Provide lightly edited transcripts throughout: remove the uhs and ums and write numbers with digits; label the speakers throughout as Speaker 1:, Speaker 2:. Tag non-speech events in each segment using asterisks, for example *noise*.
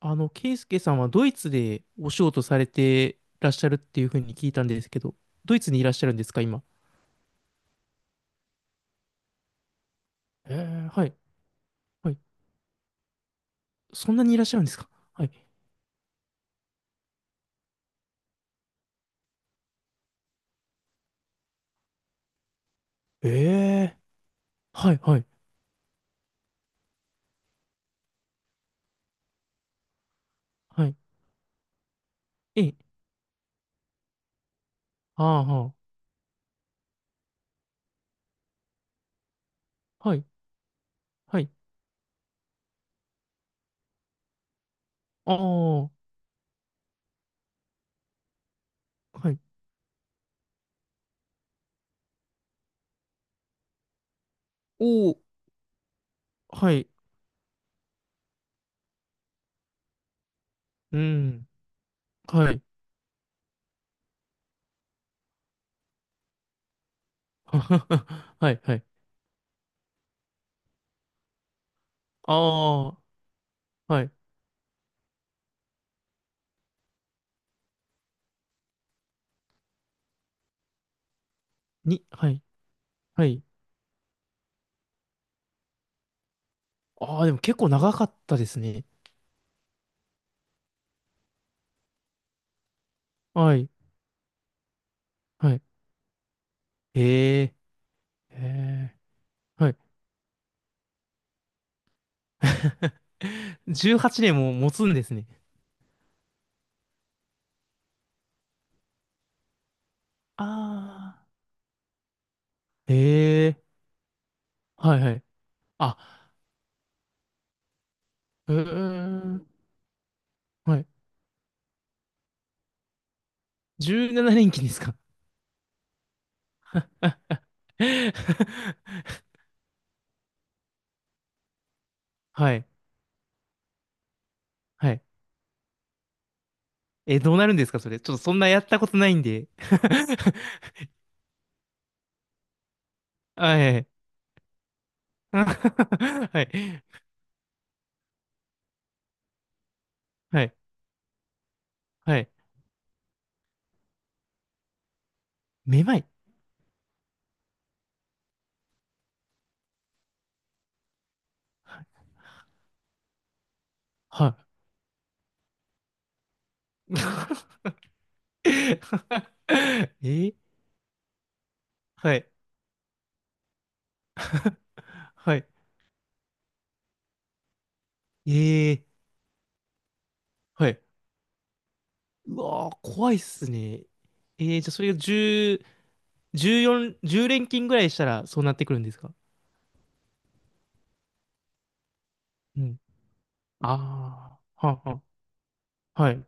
Speaker 1: ケイスケさんはドイツでお仕事されてらっしゃるっていうふうに聞いたんですけど、ドイツにいらっしゃるんですか、今？はい、はい。そんなにいらっしゃるんですか？はい。ええー、はい、はい、はい。ええあーははい、はい、ああ、はい。おー、はい、うん、はい。*laughs* はい、はい。ああ、はい。はい、はい。ああ、でも結構長かったですね。はい、はい。えー、えはい。*laughs* 18年も持つんですね。ああ。へえ。はいはい。あ、うーん。はい。17連勤ですか？ *laughs* はい。はい。え、どうなるんですかそれ？ちょっとそんなやったことないんで。*laughs* はい。*laughs* はい。はい。はい。めまい。はい。*laughs* えーはい。はい。えーはい。うわー、怖いっすね。じゃあそれが10連勤ぐらいしたらそうなってくるんですか？うん。ああ、はあはあ、はい。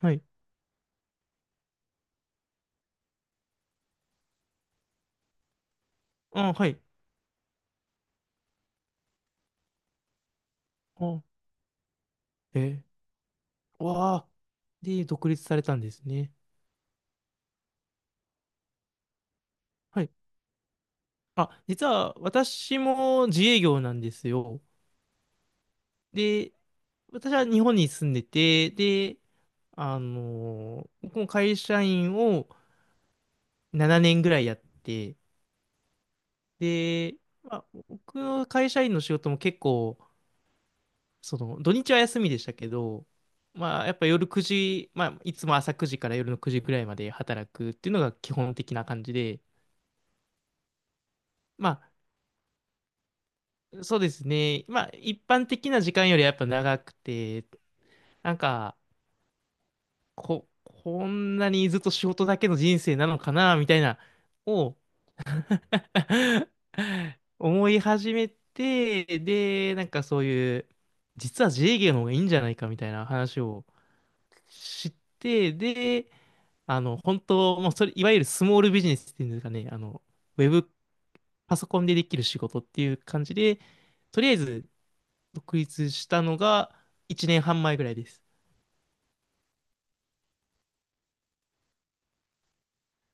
Speaker 1: はい。あはい。あえわあ。で、独立されたんですね。はい。あ、実は私も自営業なんですよ。で、私は日本に住んでて、で、僕も会社員を7年ぐらいやって、で、まあ、僕の会社員の仕事も結構、その、土日は休みでしたけど、まあ、やっぱ夜9時、まあ、いつも朝9時から夜の9時くらいまで働くっていうのが基本的な感じで、まあ、そうですね。まあ、一般的な時間よりやっぱ長くて、なんか、こんなにずっと仕事だけの人生なのかな、みたいな、を *laughs* 思い始めて、で、なんかそういう、実は自営業の方がいいんじゃないかみたいな話を知って、で、あの、本当、もうそれ、いわゆるスモールビジネスっていうんですかね、あの、ウェブパソコンでできる仕事っていう感じで、とりあえず独立したのが1年半前ぐらいです。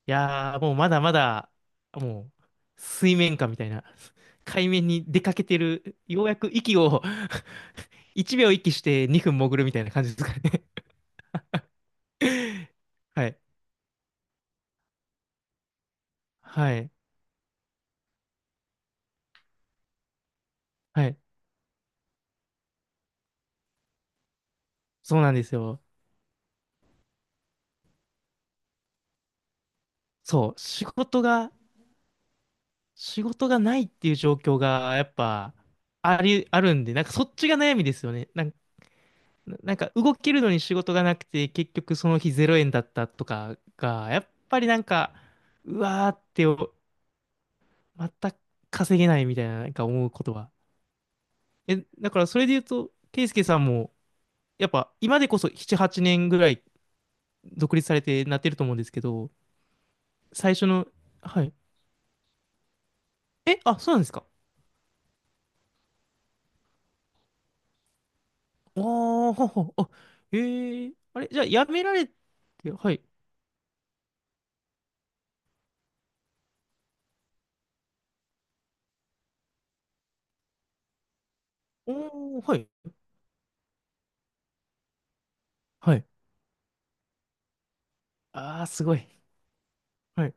Speaker 1: いやー、もうまだまだ、もう、水面下みたいな、海面に出かけてる、ようやく息を *laughs* 1秒息して2分潜るみたいな感じですかね？ *laughs* はい。はい。はい。そうなんですよ。そう。仕事がないっていう状況がやっぱあるんで、なんかそっちが悩みですよね。なんか動けるのに仕事がなくて結局その日0円だったとかが、やっぱりなんか、うわーってお全く稼げないみたいな、なんか思うことは。え、だからそれで言うと、ケイスケさんもやっぱ今でこそ7、8年ぐらい独立されてなってると思うんですけど、最初の、はい。え、あ、そうなんですか？ああ、ははあ、ええあれ、じゃあ、やめられて、はい。おー、はい、はい。ああ、すごい。はい。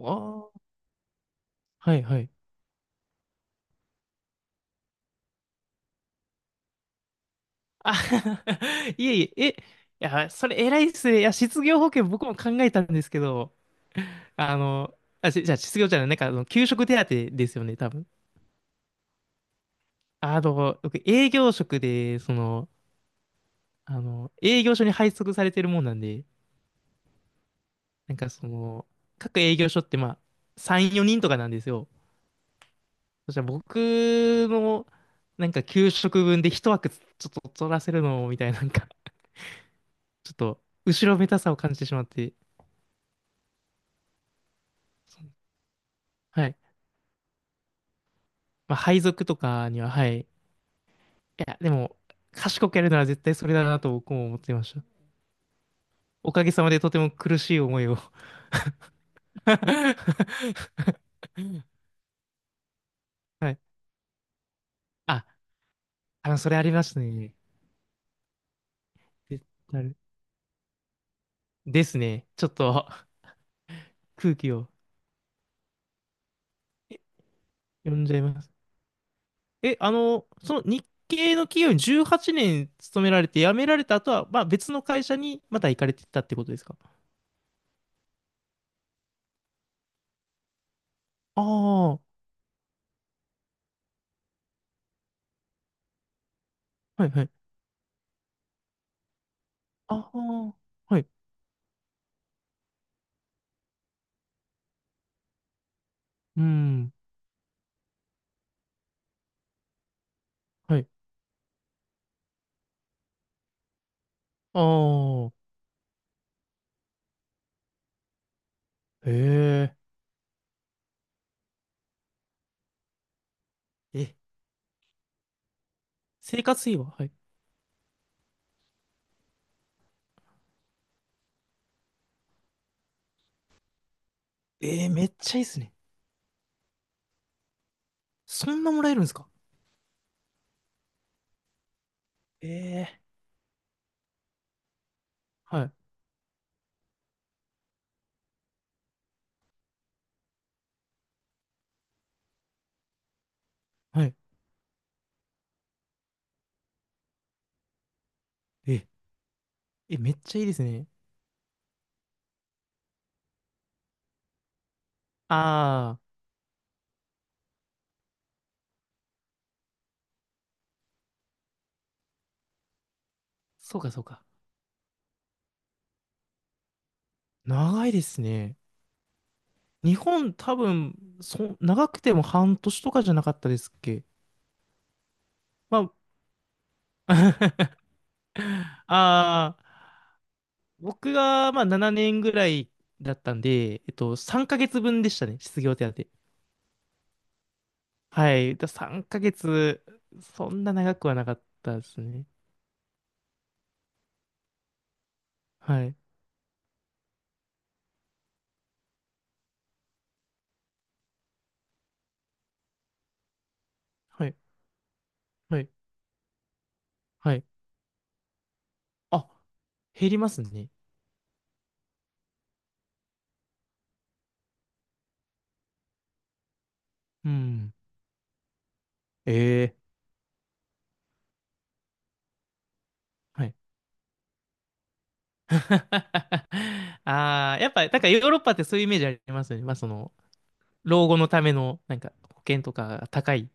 Speaker 1: ああ、はい、はい。あ *laughs* いえいえ、いや、それ偉いっすね。いや、失業保険僕も考えたんですけど、あの、じゃあ、失業じゃない、なんか、あの、給食手当ですよね、多分。あの、僕、営業職で、その、あの、営業所に配属されてるもんなんで、なんか、その、各営業所って、まあ、3、4人とかなんですよ。そしたらの、なんか給食分で一枠ょっと取らせるのもみたいな、なんか、*laughs* ちょっと、後ろめたさを感じてしまって、はい。まあ、配属とかには、はい。いや、でも、賢くやるなら絶対それだなと僕も思っていました。おかげさまでとても苦しい思いを *laughs* はい。あ、それありましたね。なるですね。ちょっと空気を読んじゃいます。え、あの、その日系の企業に18年勤められて辞められた後は、まあ別の会社にまた行かれてたってことですか？ああ、はいはい。ああ、はい。うん、はい。ああ、へえ。え、生活費ははい。えー、めっちゃいいですね。そんなもらえるんですか？ええーはい、はい。え、え、めっちゃいいですね。ああ、そうかそうか。長いですね。日本多分、長くても半年とかじゃなかったですっけ？まあ、*laughs* ああ、僕がまあ7年ぐらいだったんで、えっと、3ヶ月分でしたね、失業手当。はい。3ヶ月、そんな長くはなかったですね。はい。はい。はい。はい。あ、減りますね。うん。ええ。はい。*laughs* ああ、やっぱ、なんかヨーロッパってそういうイメージありますよね。まあ、その、老後のための、なんか、保険とかが高い。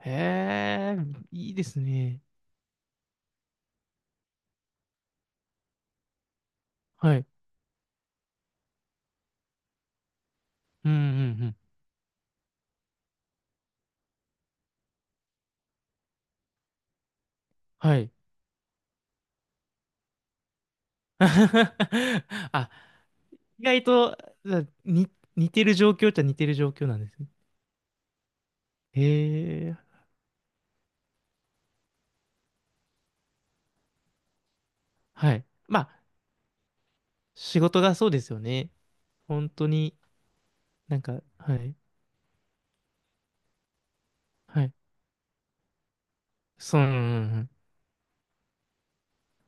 Speaker 1: へえ、いいですね。はい。うんうんうん。はい。*laughs* あ、意外と、あに、似てる状況っちゃ似てる状況なんですね。へえ、はい。まあ、仕事がそうですよね。本当に、なんか、はい、はい。そう、うんうんうん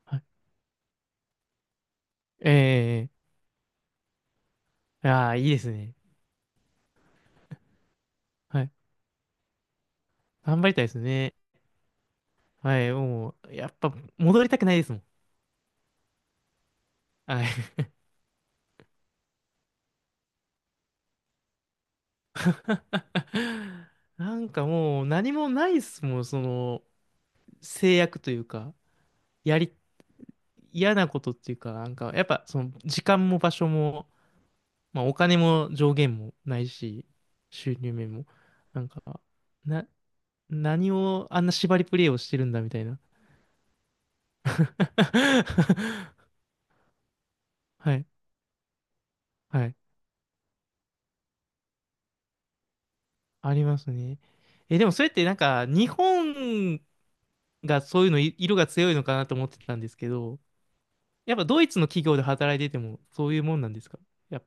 Speaker 1: はい。ええ、ああ、いいですね。はい。頑張りたいですね。はい、もう、やっぱ、戻りたくないですもん。はい。*laughs* なんかもう、何もないですもん、その、制約というか、やり嫌なことっていうか、なんか、やっぱその時間も場所も、まあお金も上限もないし、収入面も、なんか、な、何をあんな縛りプレイをしてるんだみたいな。*laughs* はい、はい、ありますね。え、でもそれってなんか、日本がそういうのい、色が強いのかなと思ってたんですけど、やっぱドイツの企業で働いててもそういうもんなんですか？やっ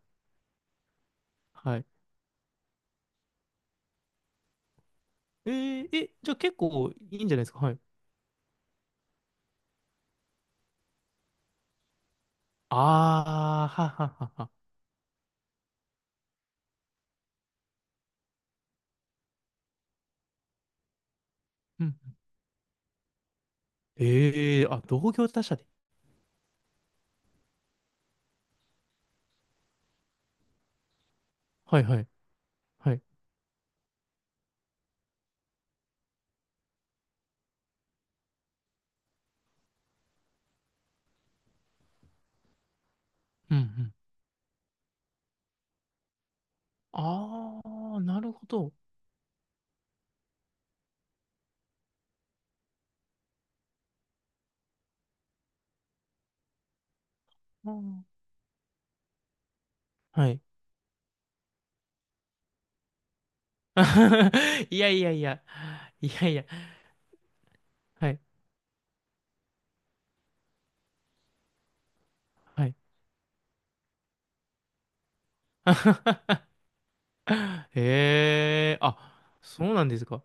Speaker 1: ぱ、はい。えーえ、じゃあ結構いいんじゃないですか？はい。ああ、はははは。うん。ええあ、同業他社で。はいはい。はい。うんうん。ああ、なるほど。うん、はい。*laughs* いやいやいや。いやいや。はい。はい。*laughs* ええあ、そうなんですか？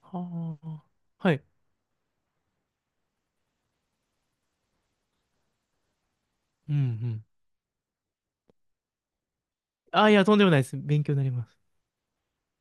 Speaker 1: はあ。はい。うんうん。あ、いや、とんでもないです。勉強になります。